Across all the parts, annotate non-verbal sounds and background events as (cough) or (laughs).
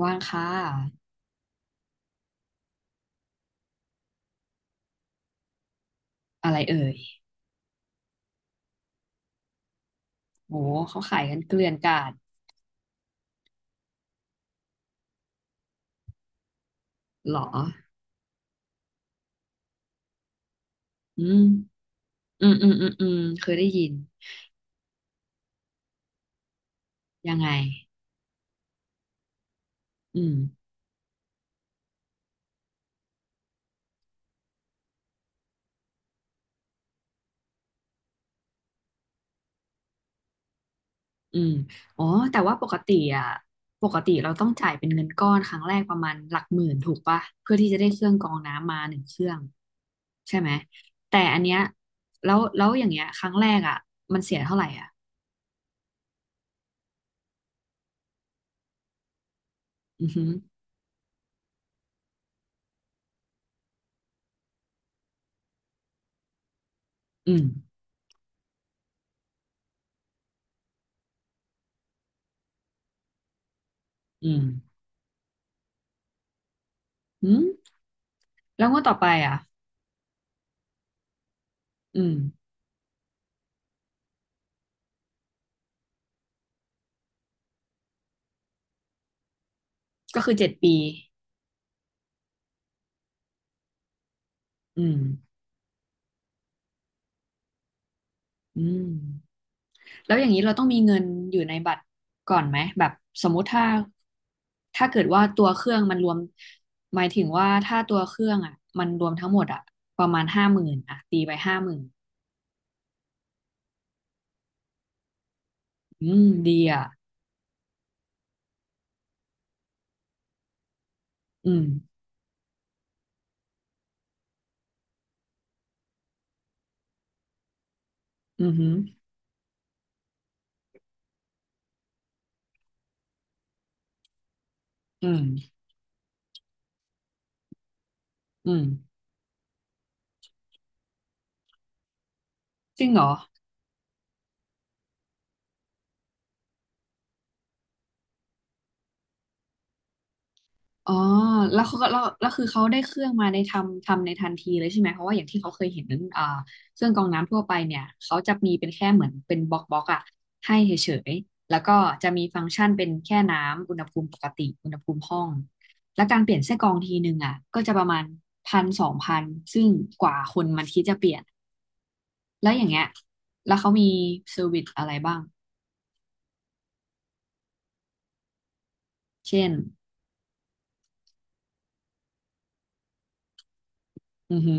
ว่างค่ะอะไรเอ่ยโหเขาขายกันเกลื่อนกลาดเหรออืมอืมอืมอืมอืมเคยได้ยินยังไงอืมอืมอ๋อแต่ว่าปกติเราต้องจ่ายเป็นเงินก้อนครั้งแรกประมาณหลักหมื่นถูกปะเพื่อที่จะได้เครื่องกรองน้ำมาหนึ่งเครื่องใช่ไหมแต่อันเนี้ยแล้วอย่างเงี้ยครั้งแรกอ่ะมันเสียเท่าไหร่อ่ะอือหืออืมอืมอืมแล้วงวดต่อไปอ่ะอืมก็คือเจ็ดปีอืม อืมแล้วอย่างนี้เราต้องมีเงินอยู่ในบัตรก่อนไหมแบบสมมุติถ้าเกิดว่าตัวเครื่องมันรวมหมายถึงว่าถ้าตัวเครื่องอ่ะมันรวมทั้งหมดอ่ะประมาณห้าหมื่นอ่ะตีไปห้าหมื่นอืมดีอ่ะอืมอือหืออืมอืมจริงเหรอ อ๋อแล้วเขาก็แล้วแล้วคือเขาได้เครื่องมาในทันทีเลยใช่ไหม เพราะว่าอย่างที่เขาเคยเห็นนั้นอ่าเครื่องกรองน้ำทั่วไปเนี่ยเขาจะมีเป็นแค่เหมือนเป็นบล็อกอะให้เฉยๆแล้วก็จะมีฟังก์ชันเป็นแค่น้ำอุณหภูมิปกติอุณหภูมิห้อง และการเปลี่ยนไส้กรองทีนึงอะก็จะประมาณพันสองพันซึ่งกว่าคนมันคิดจะเปลี่ยนแล้วอย่างเงี้ยแล้วเขามีเซอร์วิสอะไรบ้าง เช่นอือหึอ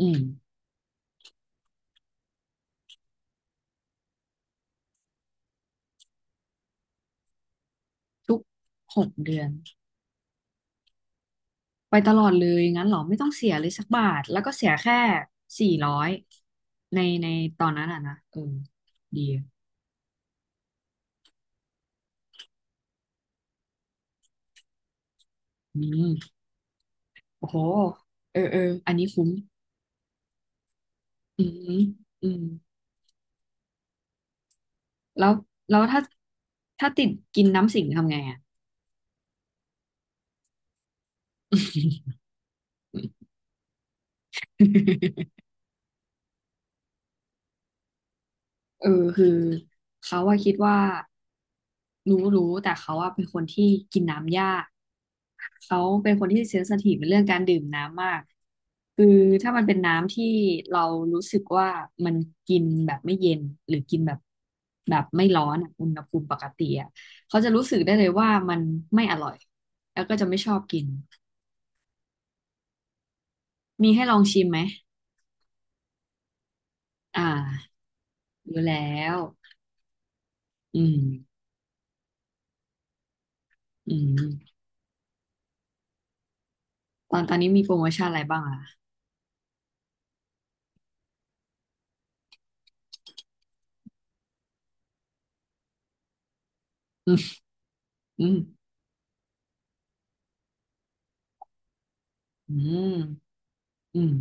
อืมทุกหกเดือน ไปตลอดเลยงั้นเหรอไม่ต้องเสียเลยสักบาทแล้วก็เสียแค่400ในตอนนั้นอ่ะนะเออดีอืมโอ้โหเออเอออันนี้คุ้มอืมอืมแล้วแล้วถ้าติดกินน้ำสิงทำไงอ่ะ (laughs) เออคือเขาว่าคิดว่ารู้แต่เขาว่าเป็นคนที่กินน้ำยากเขาเป็นคนที่เซนซิทีฟในเรื่องการดื่มน้ำมากคือถ้ามันเป็นน้ำที่เรารู้สึกว่ามันกินแบบไม่เย็นหรือกินแบบไม่ร้อนอะอุณหภูมิปกติอะเขาจะรู้สึกได้เลยว่ามันไม่อร่อยแล้วก็จะไม่ชอบกินมีให้ลองชิมไหมอ่ารู้แล้วอืมอืมตอนนี้มีโปรโมชั่นอะไรบ้างอ่ะอืมอืม อืมอืม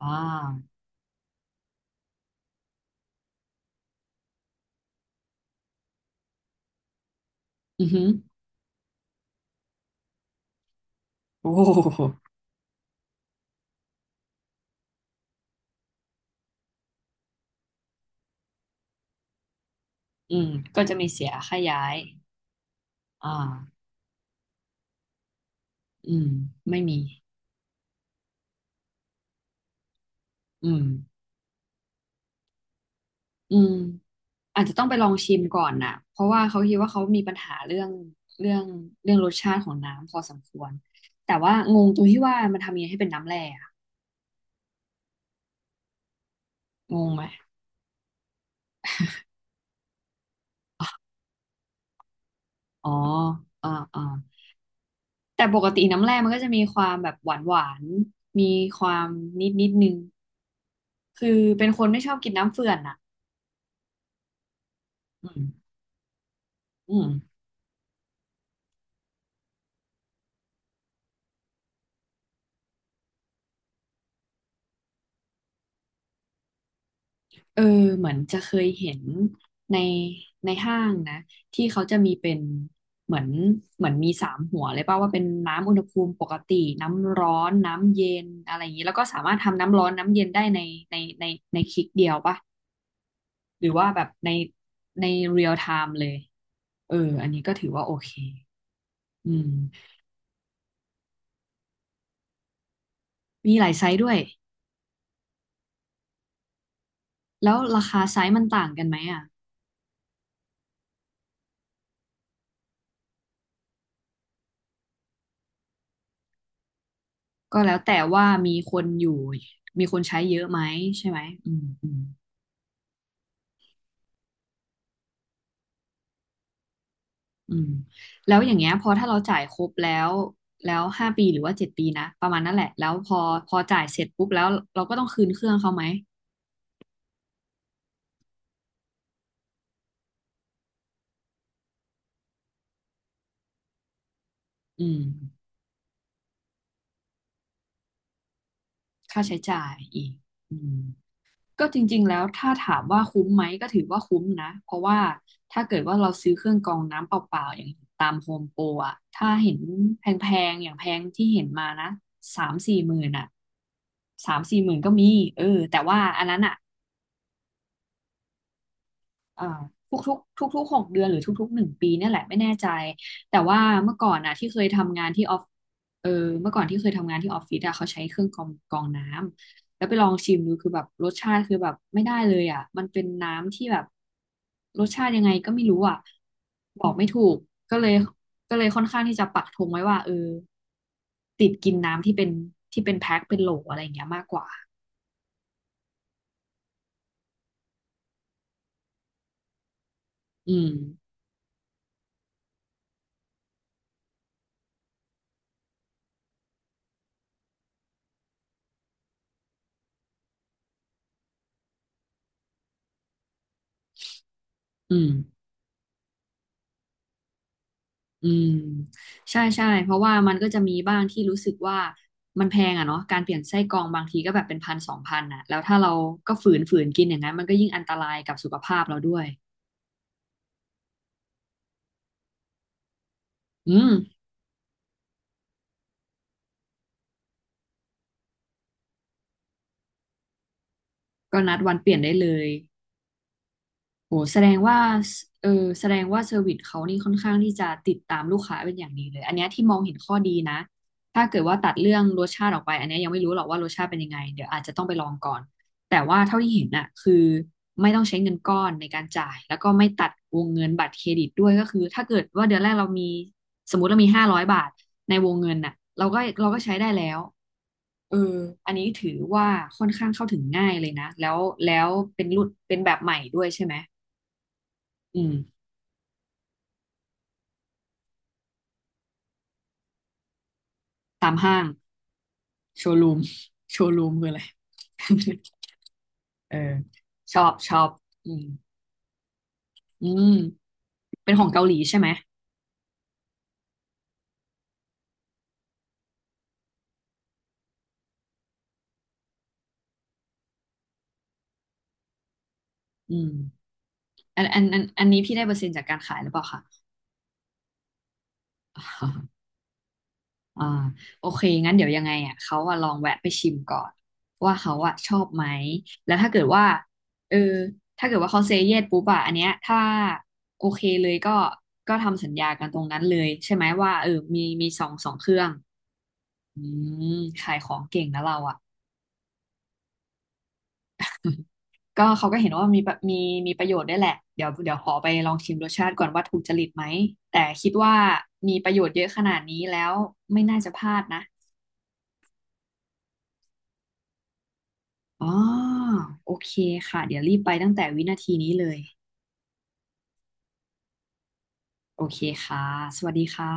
อ่าอือหือโอ้โหอืมก็จะมีเสียค่าย้ายอ่าอืมไม่มีอืมอืมอาจจะต้องไปลองชิมก่อนน่ะเพราะว่าเขาคิดว่าเขามีปัญหาเรื่องเรื่องรสชาติของน้ำพอสมควรแต่ว่างงตรงที่ว่ามันทำยังไงให้เป็นน้ำแร่อะงงไหมอ๋ออ่าอ่าแต่ปกติน้ำแร่มันก็จะมีความแบบหวานหวานมีความนิดนิดนึงคือเป็นคนไม่ชอบกินน้ำเฟื่อนอ่ะอืม อืมเออเหมือนจะเคยเห็นในในห้างนะที่เขาจะมีเป็นเหมือนเหมือนมี3 หัวเลยป่ะว่าเป็นน้ำอุณหภูมิปกติน้ำร้อนน้ำเย็นอะไรอย่างนี้แล้วก็สามารถทำน้ำร้อนน้ำเย็นได้ในในในคลิกเดียวป่ะหรือว่าแบบในเรียลไทม์เลยเอออันนี้ก็ถือว่าโอเคอืมมีหลายไซส์ด้วยแล้วราคาไซส์มันต่างกันไหมอ่ะก็แล้วแต่ว่ามีคนอยู่มีคนใช้เยอะไหมใช่ไหมอืมอืม อืมแล้วอย่างเงี้ยพอถ้าเราจ่ายครบแล้ว5 ปีหรือว่าเจ็ดปีนะประมาณนั่นแหละแล้วพอจ่ายเสร็จปุ๊บแล้วเราก็ต้องคืนเครื่องเขาไหมอืมค่าใช้จ่ายอีกอืมก็จริงๆแล้วถ้าถามว่าคุ้มไหมก็ถือว่าคุ้มนะเพราะว่าถ้าเกิดว่าเราซื้อเครื่องกรองน้ำเปล่าๆอย่างตามโฮมโปรอะถ้าเห็นแพงๆอย่างแพงที่เห็นมานะสามสี่หมื่นอะสามสี่หมื่นก็มีเออแต่ว่าอันนั้นอะ เอ่อทุกๆทุกๆ6 เดือนหรือทุกๆ1 ปีเนี่ยแหละไม่แน่ใจแต่ว่าเมื่อก่อนนะที่เคยทำงานที่ออฟเออเมื่อก่อนที่เคยทำงานที่ออฟฟิศอะเขาใช้เครื่องกรองกรองน้ำแล้วไปลองชิมดูคือแบบรสชาติคือแบบไม่ได้เลยอะมันเป็นน้ำที่แบบรสชาติยังไงก็ไม่รู้อะบอกไม่ถูกก็เลยก็เลยค่อนข้างที่จะปักธงไว้ว่าเออติดกินน้ำที่เป็นแพ็คเป็นโหลอะไรอย่างเงี้ยมากกว่าอืมอืม อืมใช่ใช่เพราะว่ามันก็จะมีบ้างที่รู้สึกว่ามันแพงอ่ะเนาะการเปลี่ยนไส้กรองบางทีก็แบบเป็นพันสองพันอ่ะแล้วถ้าเราก็ฝืนฝืนกินอย่างนั้นมันก็ยิ่งอันตรายกับสุขภาพเราด้วยอืมก็นัดวันเปลี่ยนได้เลย โอ้แสดงว่าเออแสดงว่าเซอร์วิสเขานี่ค่อนข้างที่จะติดตามลูกค้าเป็นอย่างดีเลย อันเนี้ยที่มองเห็นข้อดีนะ ถ้าเกิดว่าตัดเรื่องรสชาติออกไปอันเนี้ยยังไม่รู้หรอกว่ารสชาติเป็นยังไงเดี๋ยวอาจจะต้องไปลองก่อนแต่ว่าเท่าที่เห็นน่ะคือไม่ต้องใช้เงินก้อนในการจ่ายแล้วก็ไม่ตัดวงเงินบัตรเครดิตด้วยก็คือถ้าเกิดว่าเดือนแรกเรามีสมมติเรามี500 บาทในวงเงินน่ะเราก็ใช้ได้แล้วเอออันนี้ถือว่าค่อนข้างเข้าถึงง่ายเลยนะแล้วเป็นรุ่นเป็นแบบใหม่ด้วยใช่ไหมอืม ตามห้างโชว์รูมโชว์รูม (laughs) คืออะไร (laughs) เออชอบชอบอืมอืมเป็นของเกาหลีใช่ไหมอืมอันนี้พี่ได้เปอร์เซ็นต์จากการขายหรือเปล่าคะ (laughs) อ่าโอเคงั้นเดี๋ยวยังไงอ่ะเขาอ่ะลองแวะไปชิมก่อนว่าเขาอ่ะชอบไหมแล้วถ้าเกิดว่าเออถ้าเกิดว่าเขาเซเยสปุ๊บอ่ะอันเนี้ยถ้าโอเคเลยก็ทำสัญญากันตรงนั้นเลยใช่ไหมว่าเออมีมีสองสองเครื่องอืมขายของเก่งนะเราอ่ะ ก็เขาก็เห็นว่ามีประมีมีประโยชน์ได้วยแหละเดี๋ยวขอไปลองชิมรสชาติก่อนว่าถูกจริตไหมแต่คิดว่ามีประโยชน์เยอะขนาดนี้แล้วไม่น่าจะพลาดนะอ๋อโอเคค่ะเดี๋ยวรีบไปตั้งแต่วินาทีนี้เลยโอเคค่ะสวัสดีค่ะ